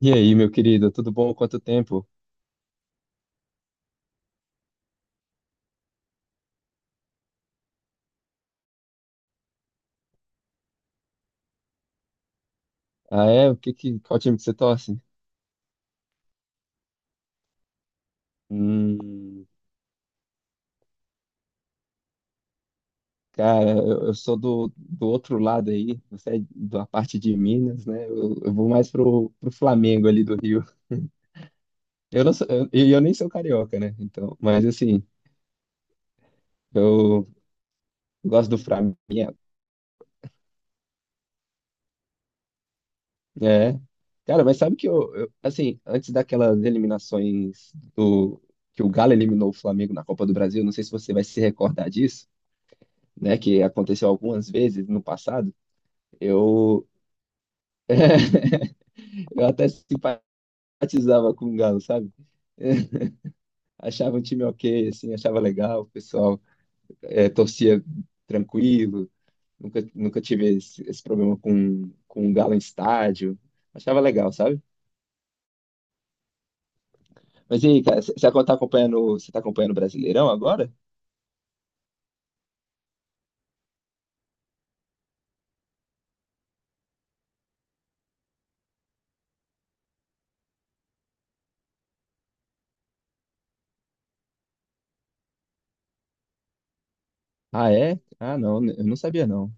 E aí, meu querido, tudo bom? Quanto tempo? Ah, é? O que que, qual time que você torce? Hum, Cara, eu sou do outro lado aí, você é da parte de Minas, né? Eu vou mais pro Flamengo ali do Rio. Eu não sou, e eu nem sou carioca, né? Então, mas assim, eu gosto do Flamengo. É. Cara, mas sabe que assim, antes daquelas eliminações do que o Galo eliminou o Flamengo na Copa do Brasil, não sei se você vai se recordar disso, né? Que aconteceu algumas vezes no passado. Eu, eu até simpatizava com o Galo, sabe? Achava um time ok, assim, achava legal, o pessoal torcia tranquilo, nunca tive esse problema com o Galo em estádio, achava legal, sabe? Mas e aí, cara, você tá acompanhando o Brasileirão agora? Ah, é? Ah, não, eu não sabia, não.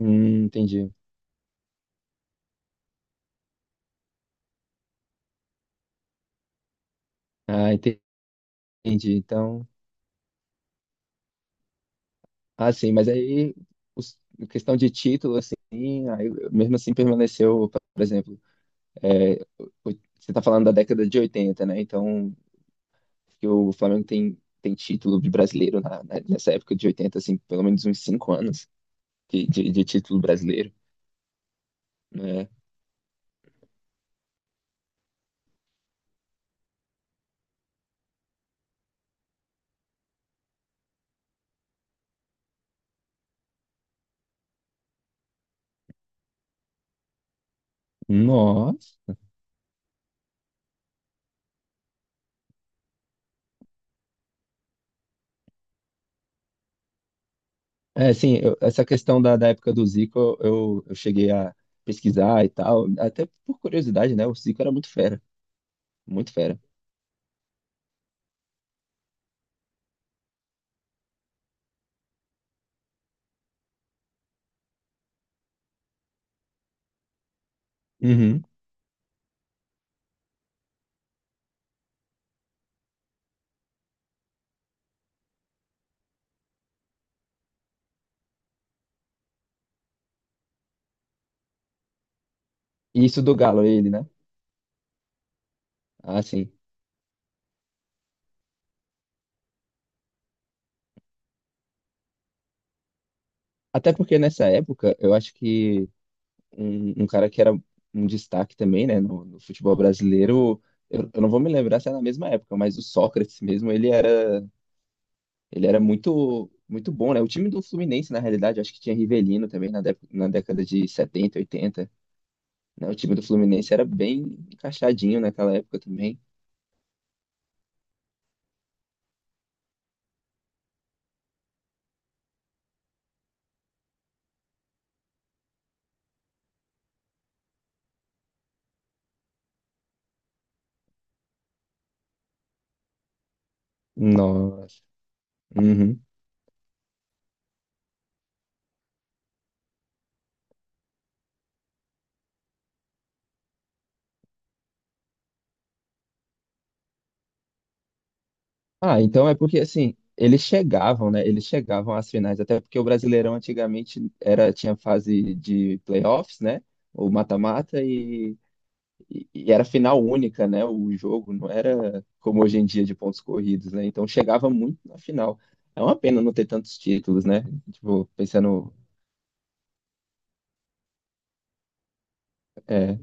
Entendi. Ah, entendi. Então, ah, sim, mas aí, os- questão de título, assim, aí, mesmo assim permaneceu, por exemplo. É, o- você está falando da década de 80, né? Então, que o Flamengo tem título de brasileiro nessa época de 80, assim, pelo menos uns 5 anos de título brasileiro, né? Nossa! É, assim, essa questão da época do Zico, eu cheguei a pesquisar e tal, até por curiosidade, né? O Zico era muito fera, muito fera. Uhum. E isso do Galo, ele, né? Ah, sim. Até porque nessa época, eu acho que um cara que era um destaque também, né, no futebol brasileiro. Eu não vou me lembrar se é na mesma época, mas o Sócrates mesmo, ele era muito, muito bom, né? O time do Fluminense, na realidade, acho que tinha Rivelino também na década de 70 oitenta, né? O time do Fluminense era bem encaixadinho naquela época também. Nossa. Uhum. Ah, então é porque assim, eles chegavam, né? Eles chegavam às finais, até porque o Brasileirão antigamente era tinha fase de playoffs, né? Ou mata-mata e era final única, né? O jogo não era como hoje em dia de pontos corridos, né? Então chegava muito na final. É uma pena não ter tantos títulos, né? Tipo, pensando. É,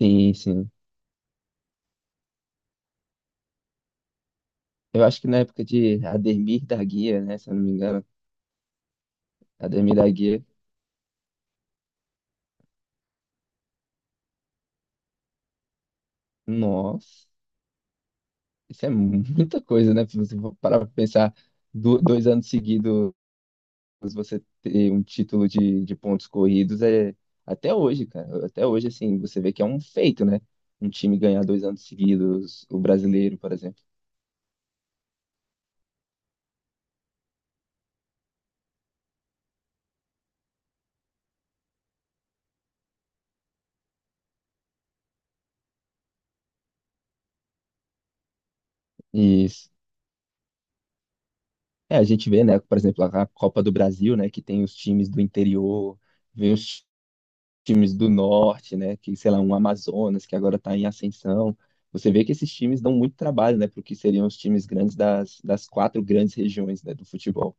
sim, sim. Eu acho que na época de Ademir da Guia, né? Se eu não me engano, Ademir da Guia. Nossa, isso é muita coisa, né? Se você for parar pra pensar 2 anos seguidos você ter um título de pontos corridos é até hoje, cara. Até hoje, assim, você vê que é um feito, né? Um time ganhar 2 anos seguidos, o brasileiro, por exemplo. E é, a gente vê, né? Por exemplo, a Copa do Brasil, né? Que tem os times do interior, vem os times do norte, né? Que, sei lá, um Amazonas, que agora tá em ascensão. Você vê que esses times dão muito trabalho, né? Porque seriam os times grandes das quatro grandes regiões, né, do futebol.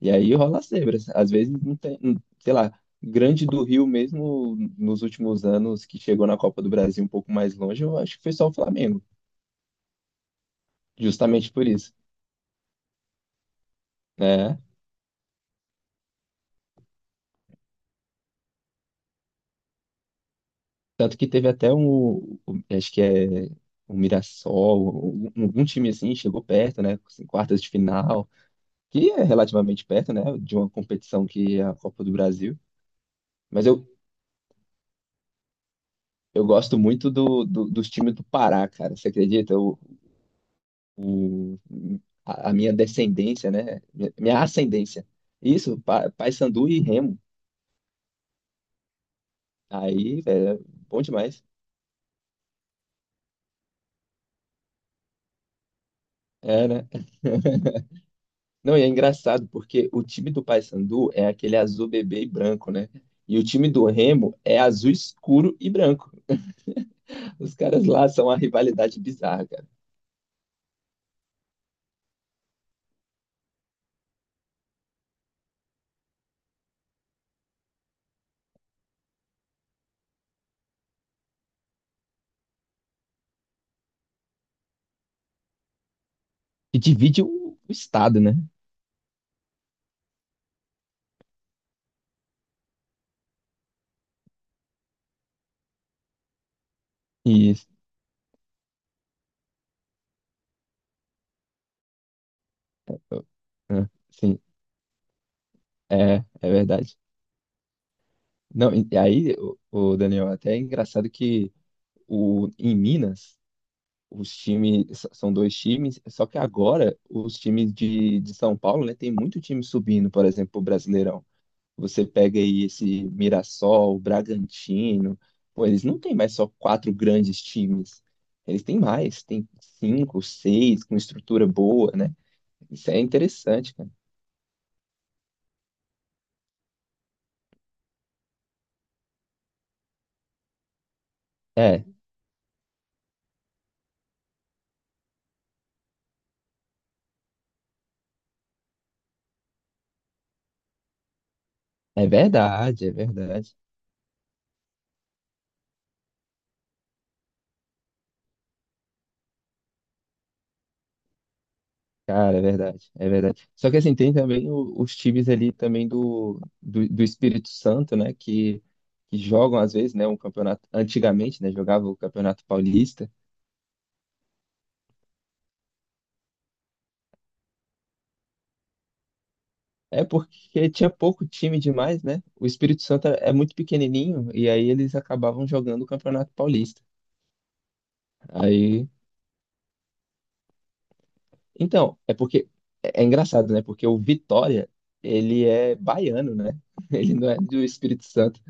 E aí rola as zebras. Às vezes não tem, sei lá, Grande do Rio mesmo nos últimos anos que chegou na Copa do Brasil um pouco mais longe, eu acho que foi só o Flamengo, justamente por isso, né? Tanto que teve até acho que é o Mirassol, algum time assim chegou perto, né? Assim, quartas de final, que é relativamente perto, né? De uma competição que é a Copa do Brasil. Mas eu gosto muito dos times do Pará, cara. Você acredita? A minha descendência, né? Minha ascendência. Isso, Paysandu e Remo. Aí, velho, é bom demais. É, né? Não, e é engraçado porque o time do Paysandu é aquele azul bebê e branco, né? E o time do Remo é azul escuro e branco. Os caras lá são uma rivalidade bizarra, cara. E divide o estado, né? Isso. Ah, sim, é verdade. Não, e aí, o Daniel, até é engraçado que em Minas os times são dois times, só que agora os times de São Paulo, né, tem muito time subindo, por exemplo, o Brasileirão. Você pega aí esse Mirassol, o Bragantino, pô, eles não têm mais só quatro grandes times. Eles têm mais, tem cinco, seis, com estrutura boa, né? Isso é interessante, cara. É, é verdade, é verdade. Cara, é verdade, é verdade. Só que assim, tem também os times ali também do Espírito Santo, né? Que jogam às vezes, né? Um campeonato, antigamente, né? Jogava o Campeonato Paulista. É porque tinha pouco time demais, né? O Espírito Santo é muito pequenininho e aí eles acabavam jogando o Campeonato Paulista. Aí, então, é porque é engraçado, né? Porque o Vitória, ele é baiano, né? Ele não é do Espírito Santo.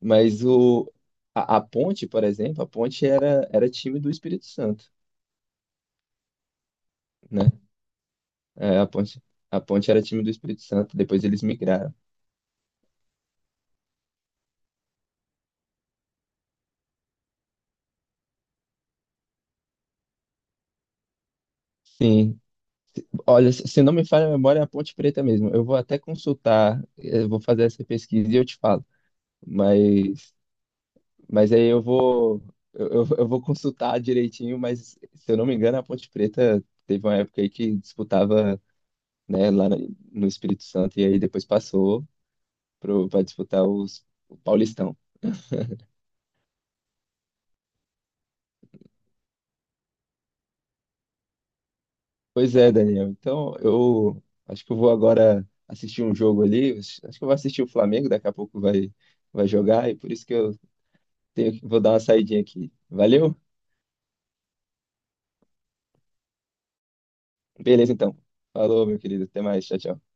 Mas a Ponte, por exemplo, a Ponte era time do Espírito Santo, né? É, a Ponte era time do Espírito Santo, depois eles migraram. Sim, olha, se não me falha a memória, é a Ponte Preta mesmo. Eu vou até consultar, eu vou fazer essa pesquisa e eu te falo. Mas, mas aí eu vou consultar direitinho, mas se eu não me engano, a Ponte Preta teve uma época aí que disputava, né, lá no Espírito Santo e aí depois passou para disputar o Paulistão. Pois é, Daniel. Então, eu acho que eu vou agora assistir um jogo ali. Acho que eu vou assistir o Flamengo, daqui a pouco vai jogar, e por isso que eu vou dar uma saidinha aqui. Valeu? Beleza, então. Falou, meu querido. Até mais. Tchau, tchau.